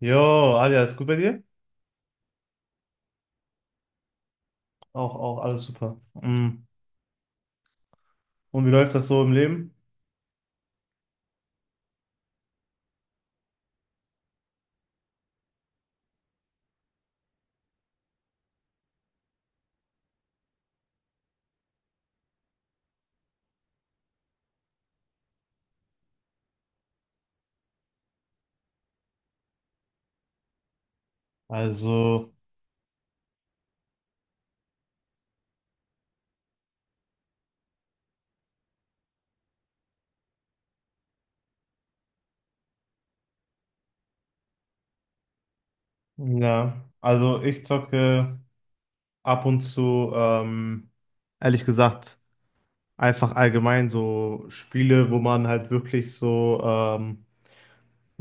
Jo, Alia, ist gut bei dir? Auch alles super. Mm. Und wie läuft das so im Leben? Also, ja, also ich zocke ab und zu, ehrlich gesagt, einfach allgemein so Spiele, wo man halt wirklich so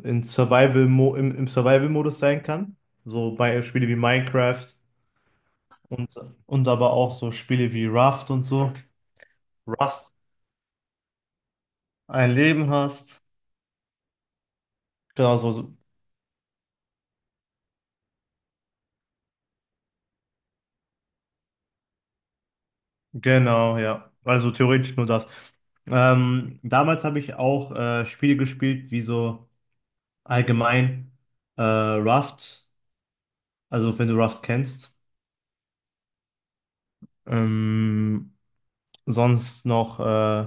in im Survival-Modus sein kann. So bei Spiele wie Minecraft und, und aber auch so Spiele wie Raft und so. Rust, ein Leben hast. Genau, so, Genau, ja. Also theoretisch nur das. Damals habe ich auch Spiele gespielt, wie so allgemein Raft, also wenn du Raft kennst. Ähm, Sonst noch,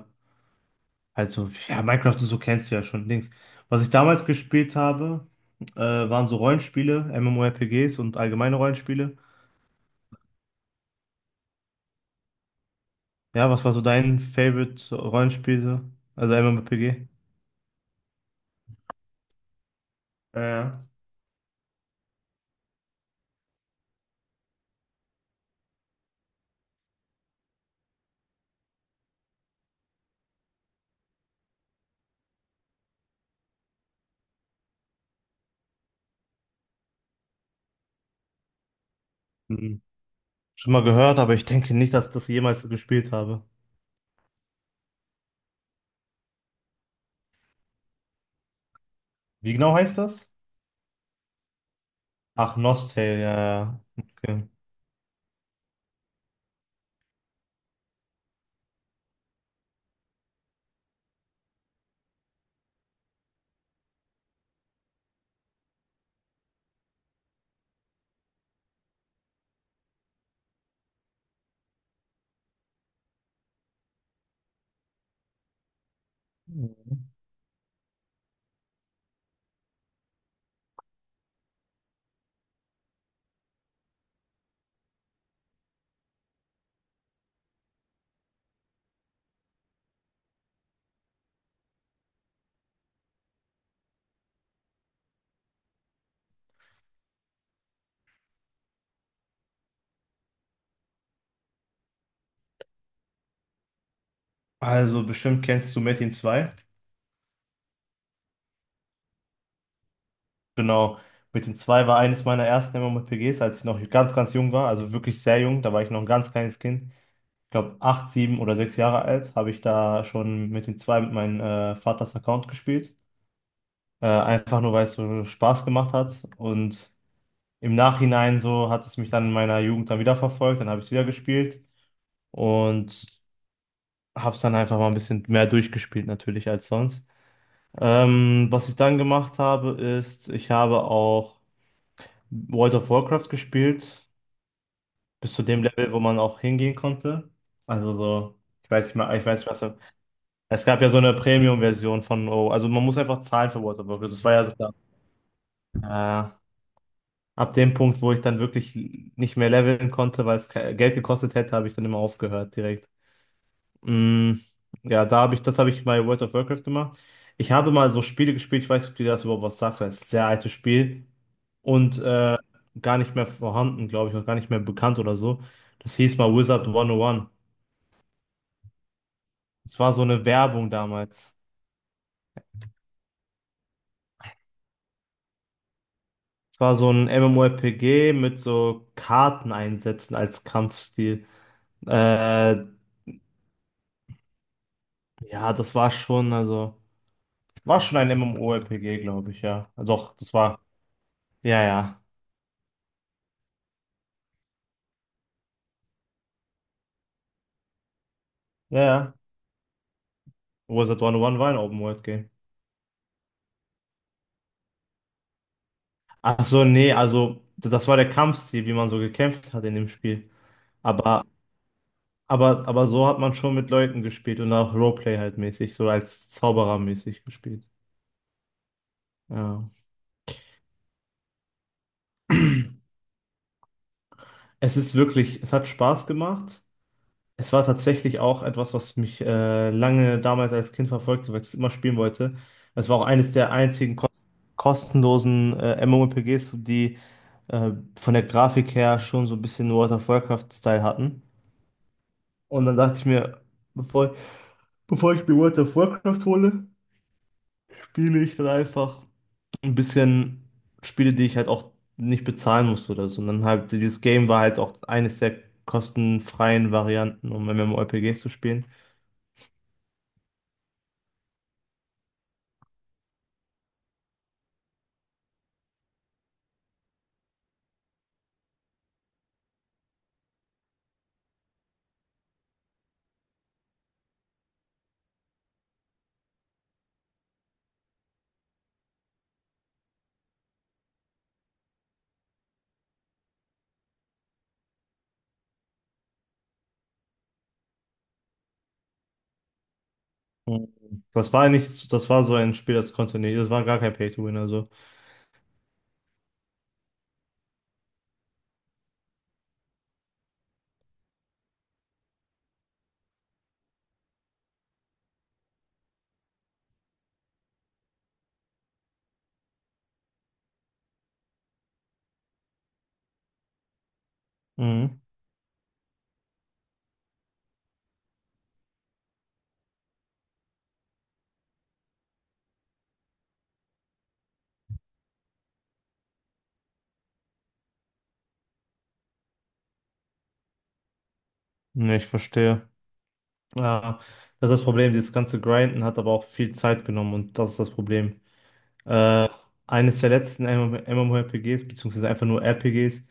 halt so, ja, Minecraft und so kennst du ja schon, Dings. Was ich damals gespielt habe, waren so Rollenspiele, MMORPGs und allgemeine Rollenspiele. Ja, was war so dein Favorite Rollenspiel, so? Also MMORPG? Ja. Ja. Schon mal gehört, aber ich denke nicht, dass ich das jemals gespielt habe. Wie genau heißt das? Ach, Nostale, ja, ja. Okay. Mhm. Also bestimmt kennst du Metin 2. Genau. Metin 2 war eines meiner ersten MMORPGs, als ich noch ganz, ganz jung war. Also wirklich sehr jung. Da war ich noch ein ganz kleines Kind. Ich glaube, acht, sieben oder sechs Jahre alt habe ich da schon Metin 2 mit meinem Vaters Account gespielt. Einfach nur, weil es so Spaß gemacht hat. Und im Nachhinein so hat es mich dann in meiner Jugend dann wieder verfolgt. Dann habe ich es wieder gespielt und hab's dann einfach mal ein bisschen mehr durchgespielt natürlich als sonst. Was ich dann gemacht habe, ist, ich habe auch World of Warcraft gespielt, bis zu dem Level, wo man auch hingehen konnte. Also so, ich weiß nicht mal, ich weiß nicht was. Es gab ja so eine Premium-Version von, oh, also man muss einfach zahlen für World of Warcraft. Das war ja sogar äh, Ab dem Punkt, wo ich dann wirklich nicht mehr leveln konnte, weil es Geld gekostet hätte, habe ich dann immer aufgehört direkt. Mm, ja, da habe ich, das habe ich bei World of Warcraft gemacht. Ich habe mal so Spiele gespielt, ich weiß nicht, ob dir das überhaupt was sagt, weil es ist ein sehr altes Spiel und gar nicht mehr vorhanden, glaube ich, und gar nicht mehr bekannt oder so. Das hieß mal Wizard 101. Es war so eine Werbung damals. Es war so ein MMORPG mit so Karten einsetzen als Kampfstil. Äh, ja, das war schon, also, war schon ein MMORPG, glaube ich, ja. Doch, das war, ja, ja, ja, ja. Wizard 101 war ein Open-World-Game. Ach so, nee, also das war der Kampfstil, wie man so gekämpft hat in dem Spiel. Aber, aber so hat man schon mit Leuten gespielt und auch Roleplay halt mäßig, so als Zauberer mäßig gespielt. Ja. Es ist wirklich, es hat Spaß gemacht. Es war tatsächlich auch etwas, was mich lange damals als Kind verfolgte, weil ich es immer spielen wollte. Es war auch eines der einzigen kostenlosen MMORPGs, die äh, von der Grafik her schon so ein bisschen World of Warcraft-Style hatten. Und dann dachte ich mir, bevor Bevor ich mir World of Warcraft hole, spiele ich dann einfach ein bisschen Spiele, die ich halt auch nicht bezahlen musste oder so. Und dann halt, dieses Game war halt auch eines der kostenfreien Varianten, um MMORPGs zu spielen. Mhm. Das war nicht, das war so ein Spiel, das konnte nicht, das war gar kein Pay-to-Win, also. Mhm. Ne, ich verstehe. Ja, das ist das Problem, dieses ganze Grinden hat aber auch viel Zeit genommen und das ist das Problem. Äh, Eines der letzten MMORPGs, beziehungsweise einfach nur RPGs,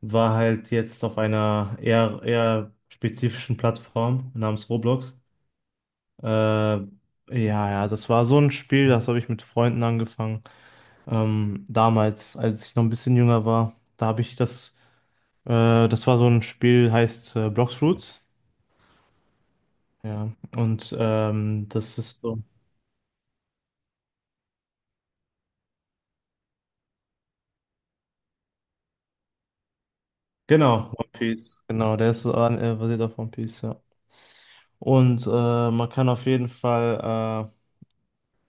war halt jetzt auf einer eher spezifischen Plattform namens Roblox. Ja, ja, das war so ein Spiel, das habe ich mit Freunden angefangen. Damals, als ich noch ein bisschen jünger war, da habe ich das, äh, das war so ein Spiel, heißt Bloxroot. Ja, und das ist so, genau, One Piece. Genau, der ist so basiert auf One Piece, ja. Und man kann auf jeden Fall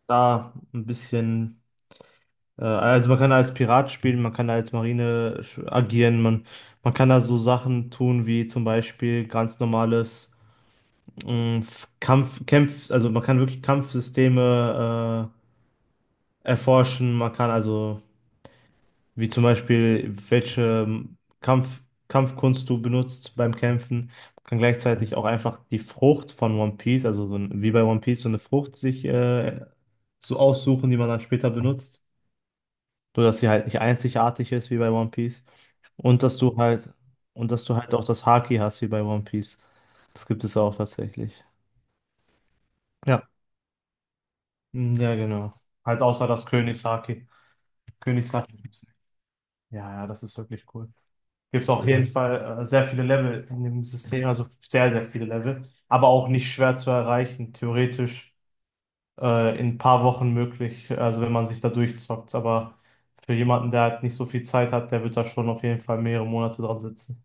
da ein bisschen, also man kann als Pirat spielen, man kann als Marine agieren, man kann da so Sachen tun wie zum Beispiel ganz normales Kampf, Kämpf, also man kann wirklich Kampfsysteme erforschen, man kann also. Wie zum Beispiel, welche Kampfkunst du benutzt beim Kämpfen. Man kann gleichzeitig auch einfach die Frucht von One Piece, also so ein, wie bei One Piece, so eine Frucht sich so aussuchen, die man dann später benutzt. So dass sie halt nicht einzigartig ist wie bei One Piece. Und dass du halt, und dass du halt auch das Haki hast wie bei One Piece. Das gibt es auch tatsächlich. Ja. Ja, genau. Halt außer das Königshaki. Königshaki gibt's nicht. Ja, ja, das ist wirklich cool. Gibt es auf jeden Fall sehr viele Level in dem System, also sehr, sehr viele Level, aber auch nicht schwer zu erreichen, theoretisch in ein paar Wochen möglich, also wenn man sich da durchzockt, aber für jemanden, der halt nicht so viel Zeit hat, der wird da schon auf jeden Fall mehrere Monate dran sitzen.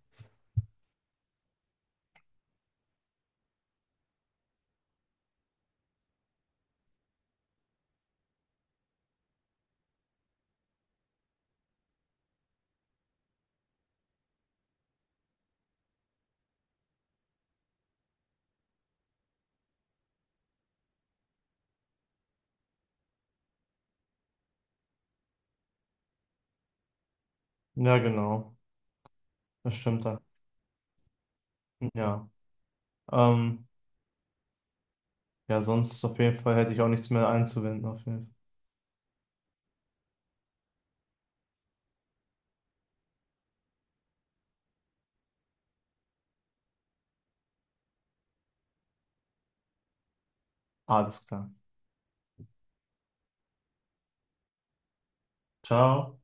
Ja, genau, das stimmt dann. Ja, ähm, ja, sonst auf jeden Fall hätte ich auch nichts mehr einzuwenden, auf jeden Fall. Alles klar. Ciao.